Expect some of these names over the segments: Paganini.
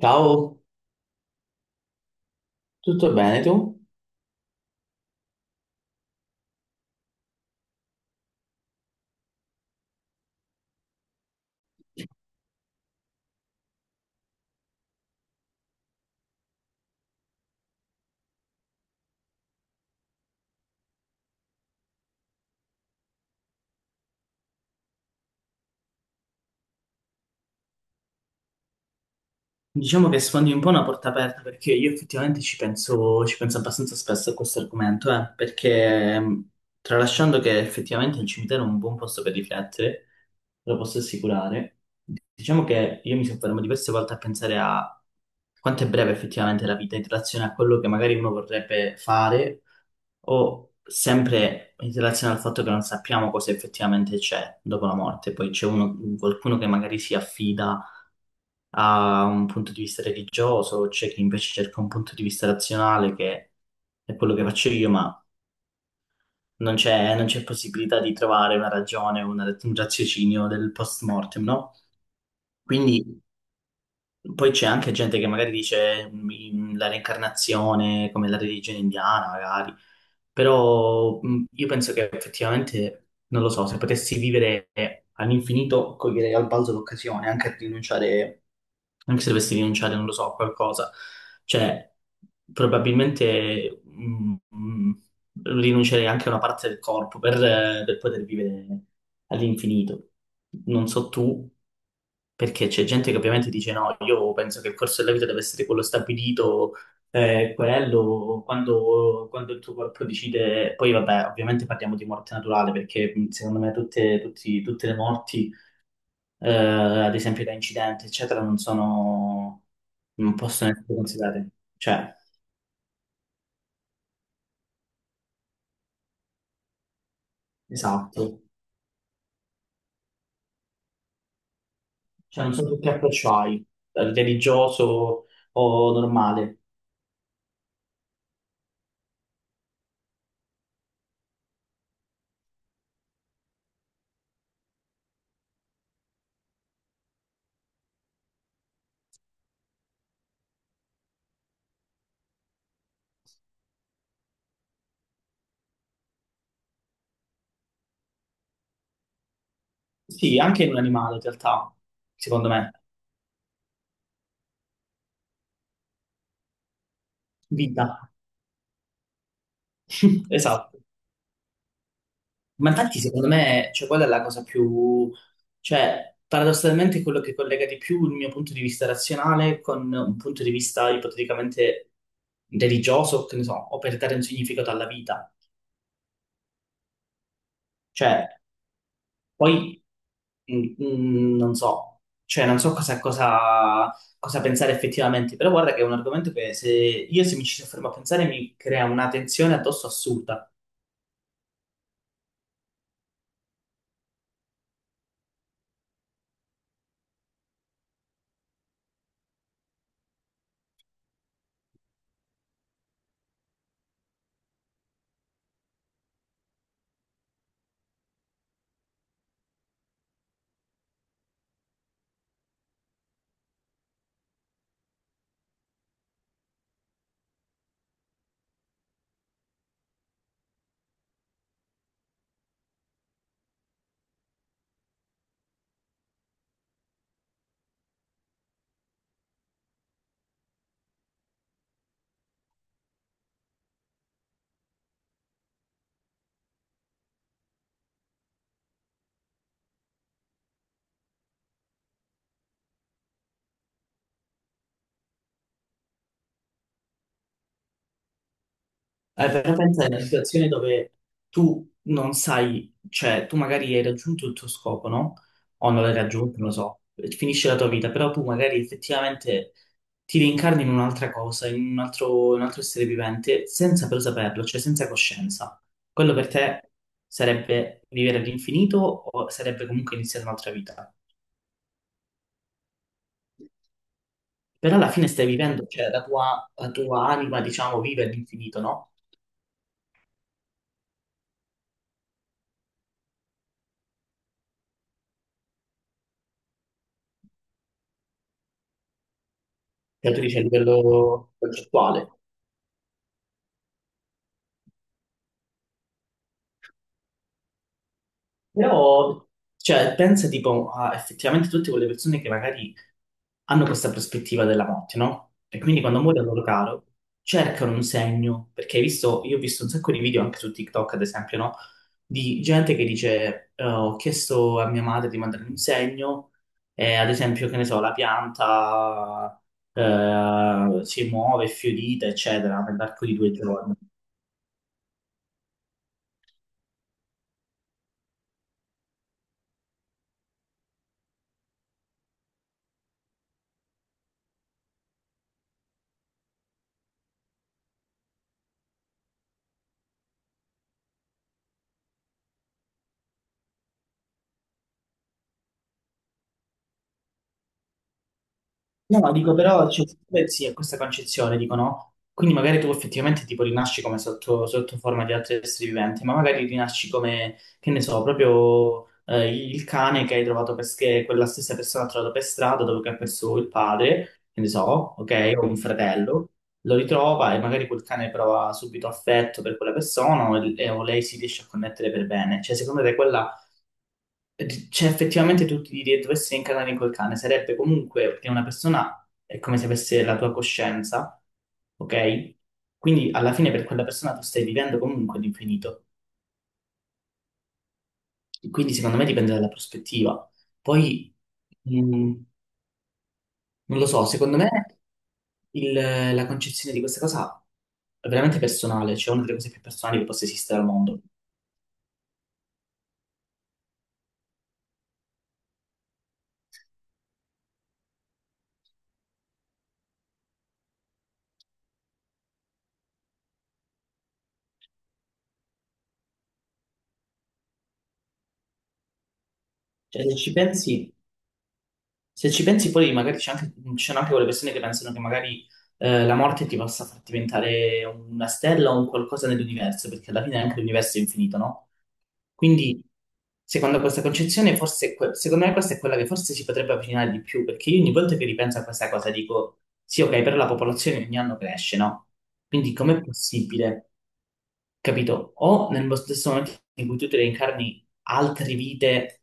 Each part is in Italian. Ciao, tutto bene tu? Diciamo che sfondi un po' una porta aperta perché io effettivamente ci penso abbastanza spesso a questo argomento, perché tralasciando che effettivamente il cimitero è un buon posto per riflettere, lo posso assicurare, diciamo che io mi soffermo diverse volte a pensare a quanto è breve effettivamente la vita in relazione a quello che magari uno vorrebbe fare o sempre in relazione al fatto che non sappiamo cosa effettivamente c'è dopo la morte. Poi qualcuno che magari si affida ha un punto di vista religioso, c'è chi invece cerca un punto di vista razionale, che è quello che faccio io, ma non c'è possibilità di trovare una ragione, un raziocinio del post mortem, no? Quindi. Poi c'è anche gente che magari dice la reincarnazione come la religione indiana, magari, però io penso che effettivamente, non lo so, se potessi vivere all'infinito, coglierei al balzo l'occasione, anche a rinunciare, anche se dovessi rinunciare, non lo so, a qualcosa. Cioè, probabilmente rinuncerei anche a una parte del corpo per poter vivere all'infinito. Non so tu, perché c'è gente che ovviamente dice no, io penso che il corso della vita deve essere quello stabilito, quello, quando, quando il tuo corpo decide... Poi vabbè, ovviamente parliamo di morte naturale, perché secondo me tutte le morti, eh, ad esempio da incidenti, eccetera, non sono... non possono essere considerate. Cioè, esatto. Cioè, non so tu che approccio hai, religioso o normale. Sì, anche in un animale in realtà, secondo me. Vita. Esatto. Ma infatti secondo me, cioè, quella è la cosa più... Cioè, paradossalmente è quello che collega di più il mio punto di vista razionale con un punto di vista ipoteticamente religioso, che ne so, o per dare un significato alla vita. Cioè, poi, non so, cioè, non so cosa, cosa, cosa pensare effettivamente, però guarda che è un argomento che se mi ci soffermo a pensare mi crea una tensione addosso assurda. Però pensa a una situazione dove tu non sai, cioè tu magari hai raggiunto il tuo scopo, no? O non l'hai raggiunto, non lo so, finisce la tua vita, però tu magari effettivamente ti reincarni in un'altra cosa, in un altro essere vivente, senza però saperlo, cioè senza coscienza. Quello per te sarebbe vivere all'infinito o sarebbe comunque iniziare un'altra vita? Però alla fine stai vivendo, cioè la tua anima, diciamo, vive all'infinito, no? Che tu dici a livello concettuale. Però, cioè, pensa tipo a effettivamente tutte quelle persone che magari hanno questa prospettiva della morte, no? E quindi quando muore un loro caro, cercano un segno, perché hai visto, io ho visto un sacco di video anche su TikTok, ad esempio, no? Di gente che dice, ho chiesto a mia madre di mandarmi un segno, e ad esempio, che ne so, la pianta, si muove, è fiorita, eccetera, nell'arco di 2 giorni. No, ma dico però, cioè, beh, sì, è questa concezione, dico no? Quindi magari tu effettivamente tipo rinasci come sotto forma di altri esseri viventi, ma magari rinasci come, che ne so, proprio il cane che che quella stessa persona ha trovato per strada dopo che ha perso il padre, che ne so, ok, o un fratello, lo ritrova e magari quel cane prova subito affetto per quella persona o lei si riesce a connettere per bene. Cioè, secondo te quella cioè, effettivamente dovessi incarnare in quel cane, sarebbe comunque perché una persona è come se avesse la tua coscienza, ok? Quindi alla fine per quella persona tu stai vivendo comunque l'infinito. Quindi secondo me dipende dalla prospettiva. Poi, mh, non lo so, secondo me il- la concezione di questa cosa è veramente personale, cioè una delle cose più personali che possa esistere al mondo. Cioè, se ci pensi... Se ci pensi poi magari ci sono anche quelle persone che pensano che magari la morte ti possa far diventare una stella o un qualcosa nell'universo, perché alla fine anche l'universo è infinito, no? Quindi, secondo questa concezione, forse, secondo me questa è quella che forse si potrebbe avvicinare di più, perché io ogni volta che ripenso a questa cosa dico, sì, ok, però la popolazione ogni anno cresce, no? Quindi com'è possibile, capito? O nello stesso momento in cui tu ti reincarni altre vite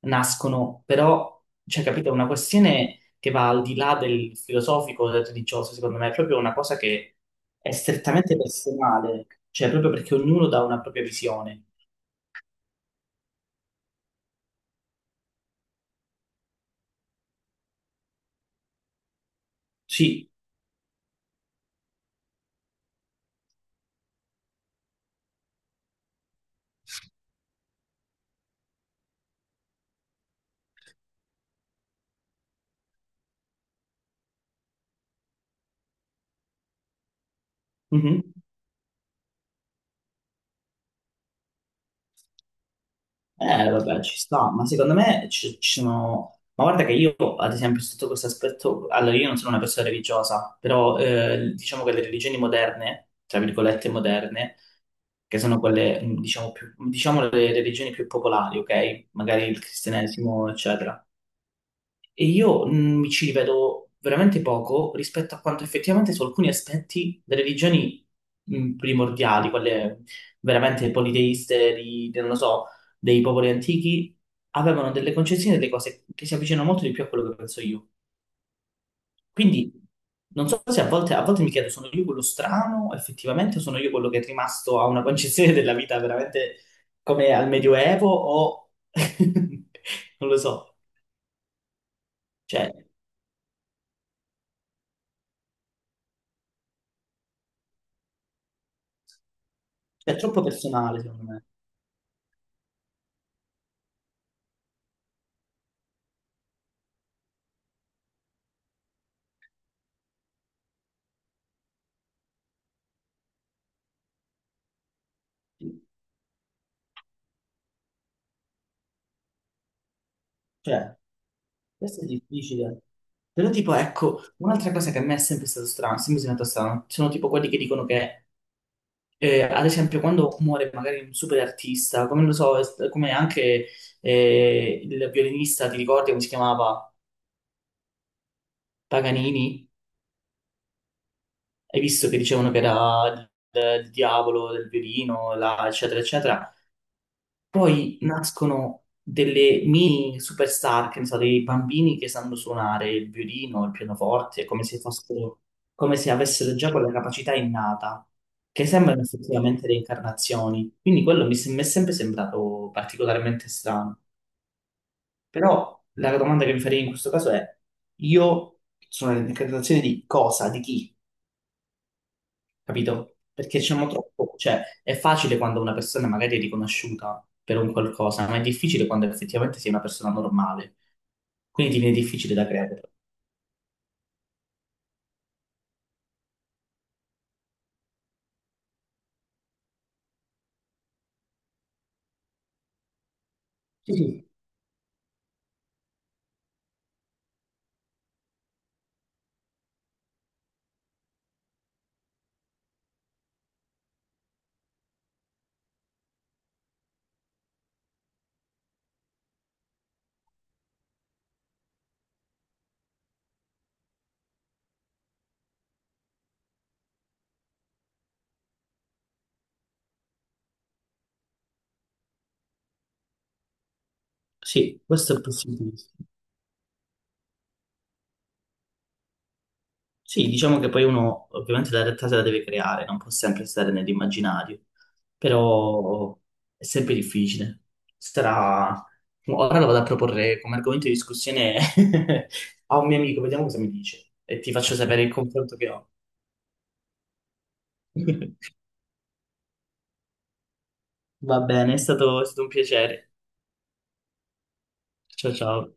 nascono, però, cioè, capito, è una questione che va al di là del filosofico, del religioso, secondo me, è proprio una cosa che è strettamente personale, cioè proprio perché ognuno dà una propria visione. Sì. Mhm. Vabbè, ci sta, ma secondo me ci sono... Ma guarda che io, ad esempio, sotto questo aspetto, allora io non sono una persona religiosa, però diciamo che le religioni moderne, tra virgolette moderne, che sono quelle, diciamo, più, diciamo le religioni più popolari, ok? Magari il cristianesimo, eccetera. E io mi ci rivedo veramente poco rispetto a quanto effettivamente su alcuni aspetti delle religioni primordiali, quelle veramente politeiste, non lo so, dei popoli antichi, avevano delle concezioni, delle cose che si avvicinano molto di più a quello che penso io. Quindi non so se a volte mi chiedo, sono io quello strano, effettivamente, o sono io quello che è rimasto a una concezione della vita veramente come al Medioevo, o non lo so, cioè, è troppo personale, secondo me. Cioè, questo è difficile. Però tipo, ecco, un'altra cosa che a me è sempre stato strano, sempre sembrato strano, sono tipo quelli che dicono che, ad esempio, quando muore magari un super artista, come lo so, come anche il violinista, ti ricordi come si chiamava? Paganini? Hai visto che dicevano che era il diavolo del violino, eccetera, eccetera. Poi nascono delle mini superstar, che ne so, dei bambini che sanno suonare il violino, il pianoforte, come se fossero, come se avessero già quella capacità innata, che sembrano effettivamente reincarnazioni. Quindi quello mi è sempre sembrato particolarmente strano. Però la domanda che mi farei in questo caso è, io sono reincarnazione di cosa, di chi? Capito? Perché diciamo troppo, cioè è facile quando una persona magari è riconosciuta per un qualcosa, ma è difficile quando effettivamente sei una persona normale, quindi ti viene difficile da credere. Sì, sì, sì, questo è possibile. Sì, diciamo che poi uno ovviamente la realtà se la deve creare, non può sempre stare nell'immaginario, però è sempre difficile. Sarà... Ora lo vado a proporre come argomento di discussione a un mio amico, vediamo cosa mi dice e ti faccio sapere il confronto che ho. Va bene, è stato un piacere. Ciao ciao.